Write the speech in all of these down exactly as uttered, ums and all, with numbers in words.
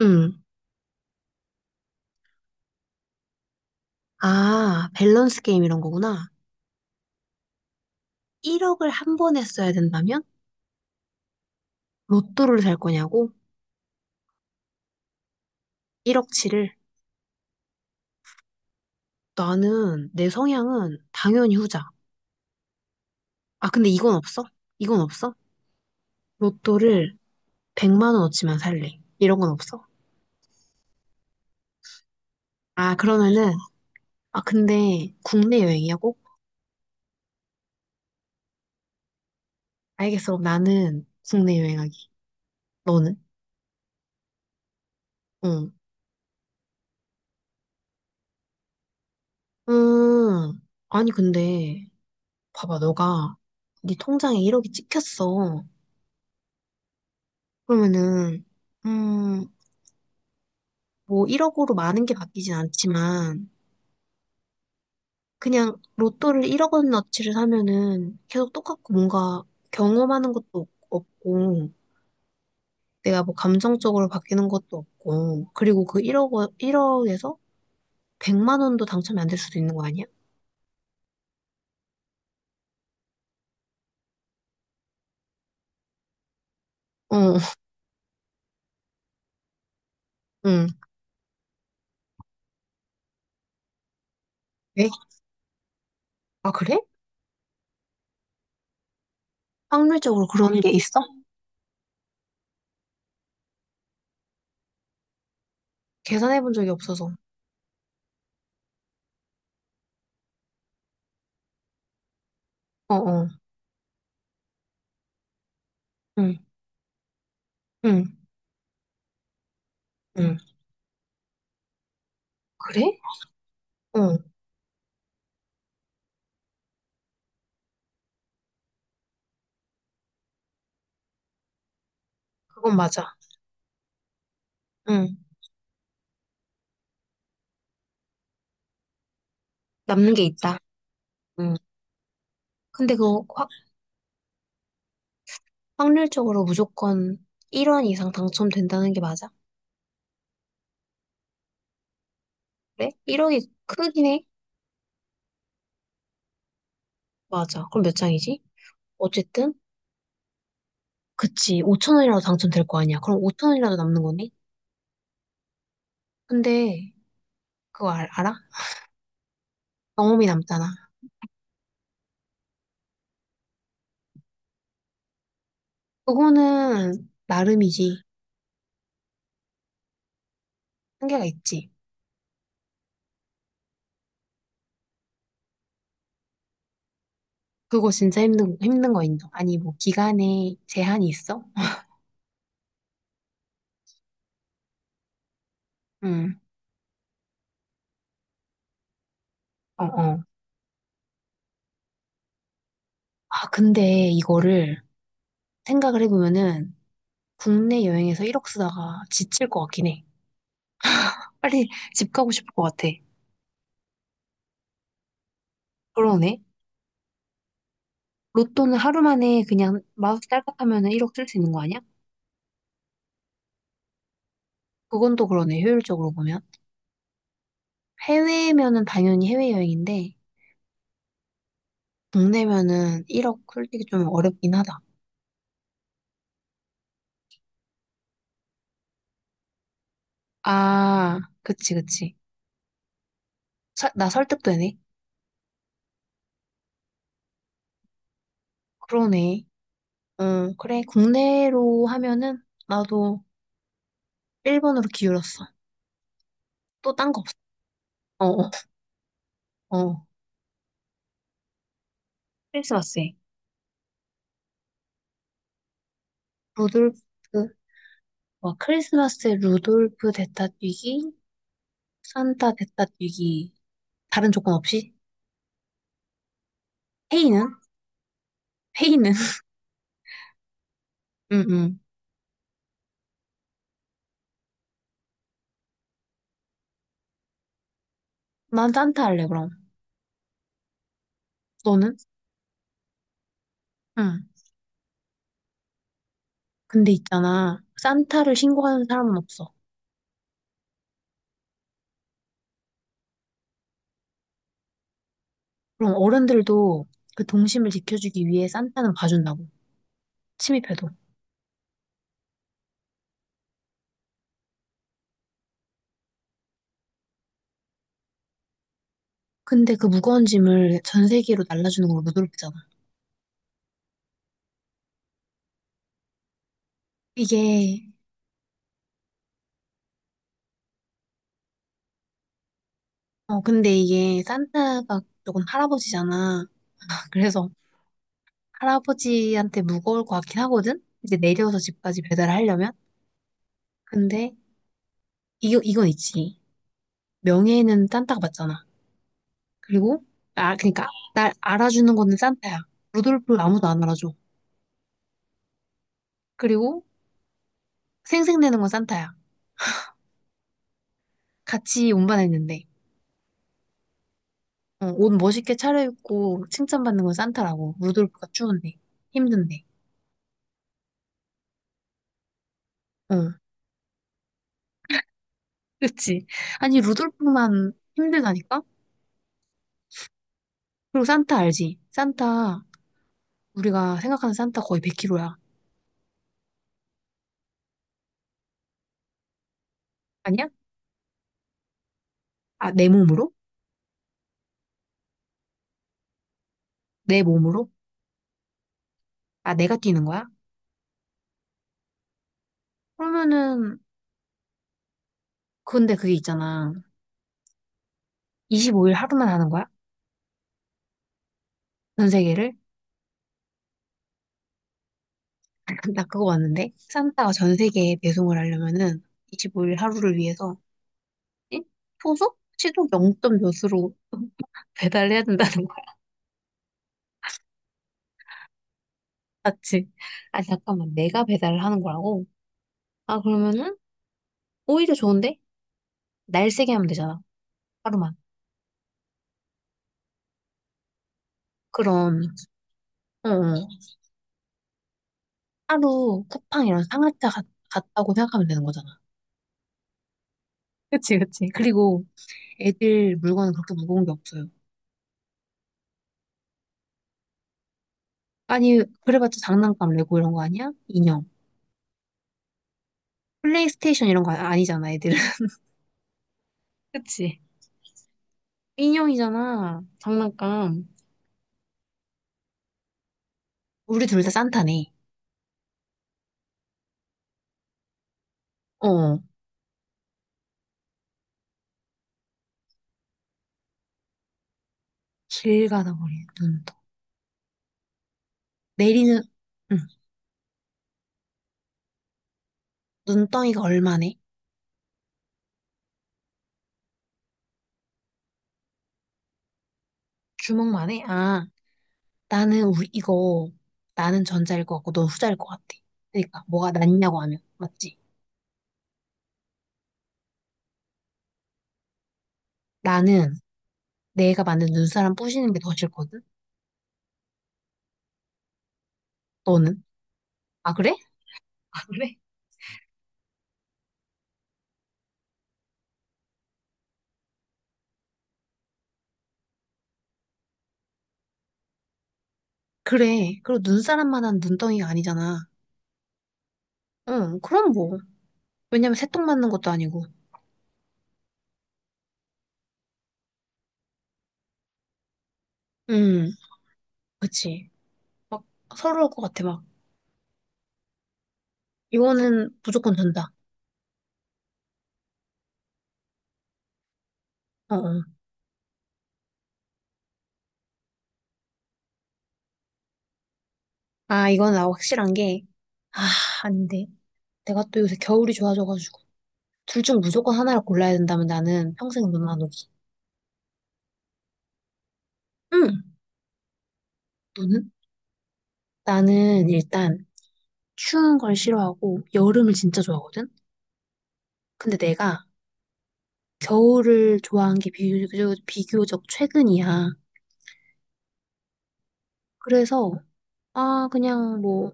응. 아, 밸런스 게임 이런 거구나. 일억을 한 번에 써야 된다면? 로또를 살 거냐고? 일억 치를? 나는, 내 성향은 당연히 후자. 아, 근데 이건 없어? 이건 없어? 로또를 백만 원어치만 살래. 이런 건 없어? 아, 그러면은, 아, 근데 국내 여행이야, 꼭? 알겠어. 그럼 나는 국내 여행하기. 너는? 응. 음, 아니, 근데, 봐봐, 너가 네 통장에 일억이 찍혔어. 그러면은, 음, 뭐 일억으로 많은 게 바뀌진 않지만 그냥 로또를 일억 원어치를 사면은 계속 똑같고 뭔가 경험하는 것도 없- 없고 내가 뭐 감정적으로 바뀌는 것도 없고 그리고 그 일억 원 일억에서 백만 원도 당첨이 안 될 수도 있는 거 아니야? 어, 응. 왜? 아, 그래? 확률적으로 그런 게 있어? 계산해 본 적이 없어서. 어, 어. 응. 응. 응. 그래? 어. 그건 맞아. 응. 남는 게 있다. 응. 근데 그거 확률적으로 무조건 일 원 이상 당첨된다는 게 맞아? 그래? 일억이 크긴 해? 맞아. 그럼 몇 장이지? 어쨌든, 그치. 오천 원이라도 당첨될 거 아니야. 그럼 오천 원이라도 남는 거네? 근데, 그거 알, 알아? 경험이 남잖아. 그거는, 나름이지. 한계가 있지. 그거 진짜 힘든, 힘든 거 인정. 아니, 뭐, 기간에 제한이 있어? 응, 어, 어. 아, 근데 이거를 생각을 해보면은, 국내 여행에서 일억 쓰다가 지칠 것 같긴 해. 빨리 집 가고 싶을 것 같아. 그러네. 로또는 하루 만에 그냥 마우스 딸깍하면은 일억 쓸 수 있는 거 아니야? 그건 또 그러네, 효율적으로 보면. 해외면은 당연히 해외여행인데, 국내면은 일억 솔직히 좀 어렵긴 하다. 아, 그치, 그치. 서- 나 설득되네. 그러네. 응, 그래. 국내로 하면은 나도 일 번으로 기울었어. 또 딴 거 없어. 어, 어, 어. 크리스마스에. 루돌프, 와, 크리스마스에 루돌프 대타 뛰기, 산타 대타 뛰기. 다른 조건 없이? 회의는? 회의는? 응, 응. 난 산타 할래, 그럼. 너는? 응. 근데 있잖아. 산타를 신고하는 사람은 없어. 그럼 어른들도 그 동심을 지켜주기 위해 산타는 봐준다고. 침입해도. 근데 그 무거운 짐을 전 세계로 날라주는 걸로 무드롭잖아. 이게, 어, 근데 이게 산타가 조금 할아버지잖아. 그래서 할아버지한테 무거울 것 같긴 하거든? 이제 내려서 집까지 배달을 하려면? 근데, 이거, 이건 있지. 명예는 산타가 받잖아. 그리고 아 그러니까 날 알아주는 거는 산타야. 루돌프 아무도 안 알아줘. 그리고 생색내는 건 산타야. 같이 운반했는데 어, 옷 멋있게 차려입고 칭찬받는 건 산타라고. 루돌프가 추운데 힘든데. 어, 그치? 아니 루돌프만 힘들다니까? 그리고 산타 알지? 산타 우리가 생각하는 산타 거의 백 킬로그램이야. 아니야? 아 내 몸으로? 내 몸으로? 아 내가 뛰는 거야? 그러면은 근데 그게 있잖아. 이십오 일 하루만 하는 거야? 전 세계를? 아, 나 그거 봤는데 산타가 전 세계에 배송을 하려면은 이십오 일 하루를 위해서 응? 초속? 시속 영 점 몇으로 배달해야 된다는 거야. 맞지? 아니 잠깐만 내가 배달을 하는 거라고? 아 그러면은 오히려 좋은데? 날 세게 하면 되잖아. 하루만. 그럼 어, 어. 하루 쿠팡이랑 상하차 같, 같다고 생각하면 되는 거잖아. 그치 그치. 그리고 애들 물건은 그렇게 무거운 게 없어요. 아니 그래봤자 장난감 레고 이런 거 아니야? 인형. 플레이스테이션 이런 거 아- 아니잖아 애들은. 그치? 인형이잖아. 장난감. 우리 둘 다 산타네. 어. 길 가다 보니 눈덩 내리는, 응. 눈덩이가 얼마네? 주먹만 해? 아, 나는 우리 이거, 나는 전자일 것 같고 넌 후자일 것 같아. 그러니까 뭐가 낫냐고 하면, 맞지? 나는 내가 만든 눈사람 부시는 게 더 싫거든? 너는? 아, 그래? 아, 그래? 그래. 그리고 눈사람만한 눈덩이가 아니잖아. 응, 그럼 뭐. 왜냐면 새똥 맞는 것도 아니고. 응, 그치. 막 서러울 것 같아, 막. 이거는 무조건 된다. 어, 어. 아, 이건 나 확실한 게, 아, 아닌데. 내가 또 요새 겨울이 좋아져가지고. 둘 중 무조건 하나를 골라야 된다면 나는 평생 눈 안 오기. 응, 너는? 나는 일단 추운 걸 싫어하고 여름을 진짜 좋아하거든? 근데 내가 겨울을 좋아한 게 비교적, 비교적 최근이야. 그래서, 아, 그냥 뭐,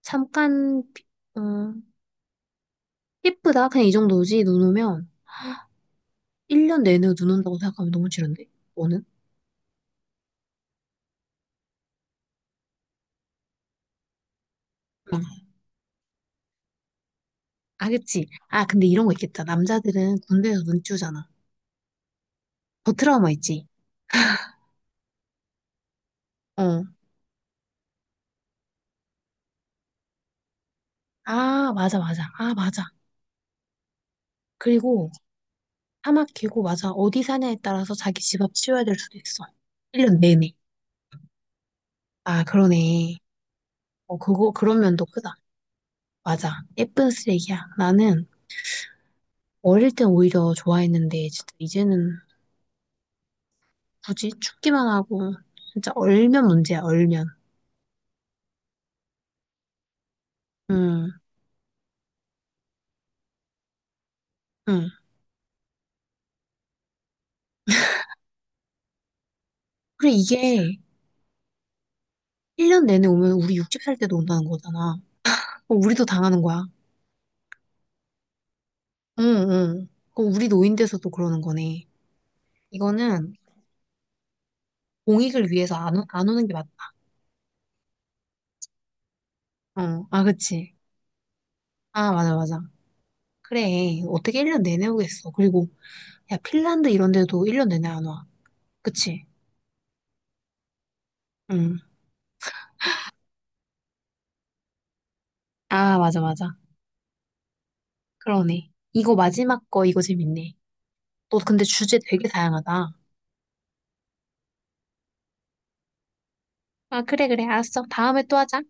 잠깐, 비- 어, 예쁘다. 그냥 이 정도지. 눈 오면. 일 년 내내 눈 온다고 생각하면 너무 싫은데? 너는? 아, 그치. 아, 근데 이런 거 있겠다. 남자들은 군대에서 눈 띄우잖아. 더 트라우마 있지. 어. 아, 맞아, 맞아. 아, 맞아. 그리고 사막 길고, 맞아. 어디 사냐에 따라서 자기 집 앞 치워야 될 수도 있어. 일 년 내내. 아, 그러네. 어, 그거, 그런 면도 크다. 맞아. 예쁜 쓰레기야. 나는 어릴 땐 오히려 좋아했는데, 진짜 이제는 굳이 춥기만 하고, 진짜 얼면 문제야, 얼면. 응, 응. 그래, 이게 일 년 내내 오면 우리 육십 살 때도 온다는 거잖아. 어, 우리도 당하는 거야. 응, 응. 그럼 우리 노인돼서도 그러는 거네. 이거는 공익을 위해서 안, 오- 안 오는 게 맞다. 어, 아, 그치. 아, 맞아, 맞아. 그래. 어떻게 일 년 내내 오겠어. 그리고, 야, 핀란드 이런 데도 일 년 내내 안 와. 그치? 응. 아, 맞아, 맞아. 그러네. 이거 마지막 거, 이거 재밌네. 너 근데 주제 되게 다양하다. 아, 그래, 그래. 알았어. 다음에 또 하자.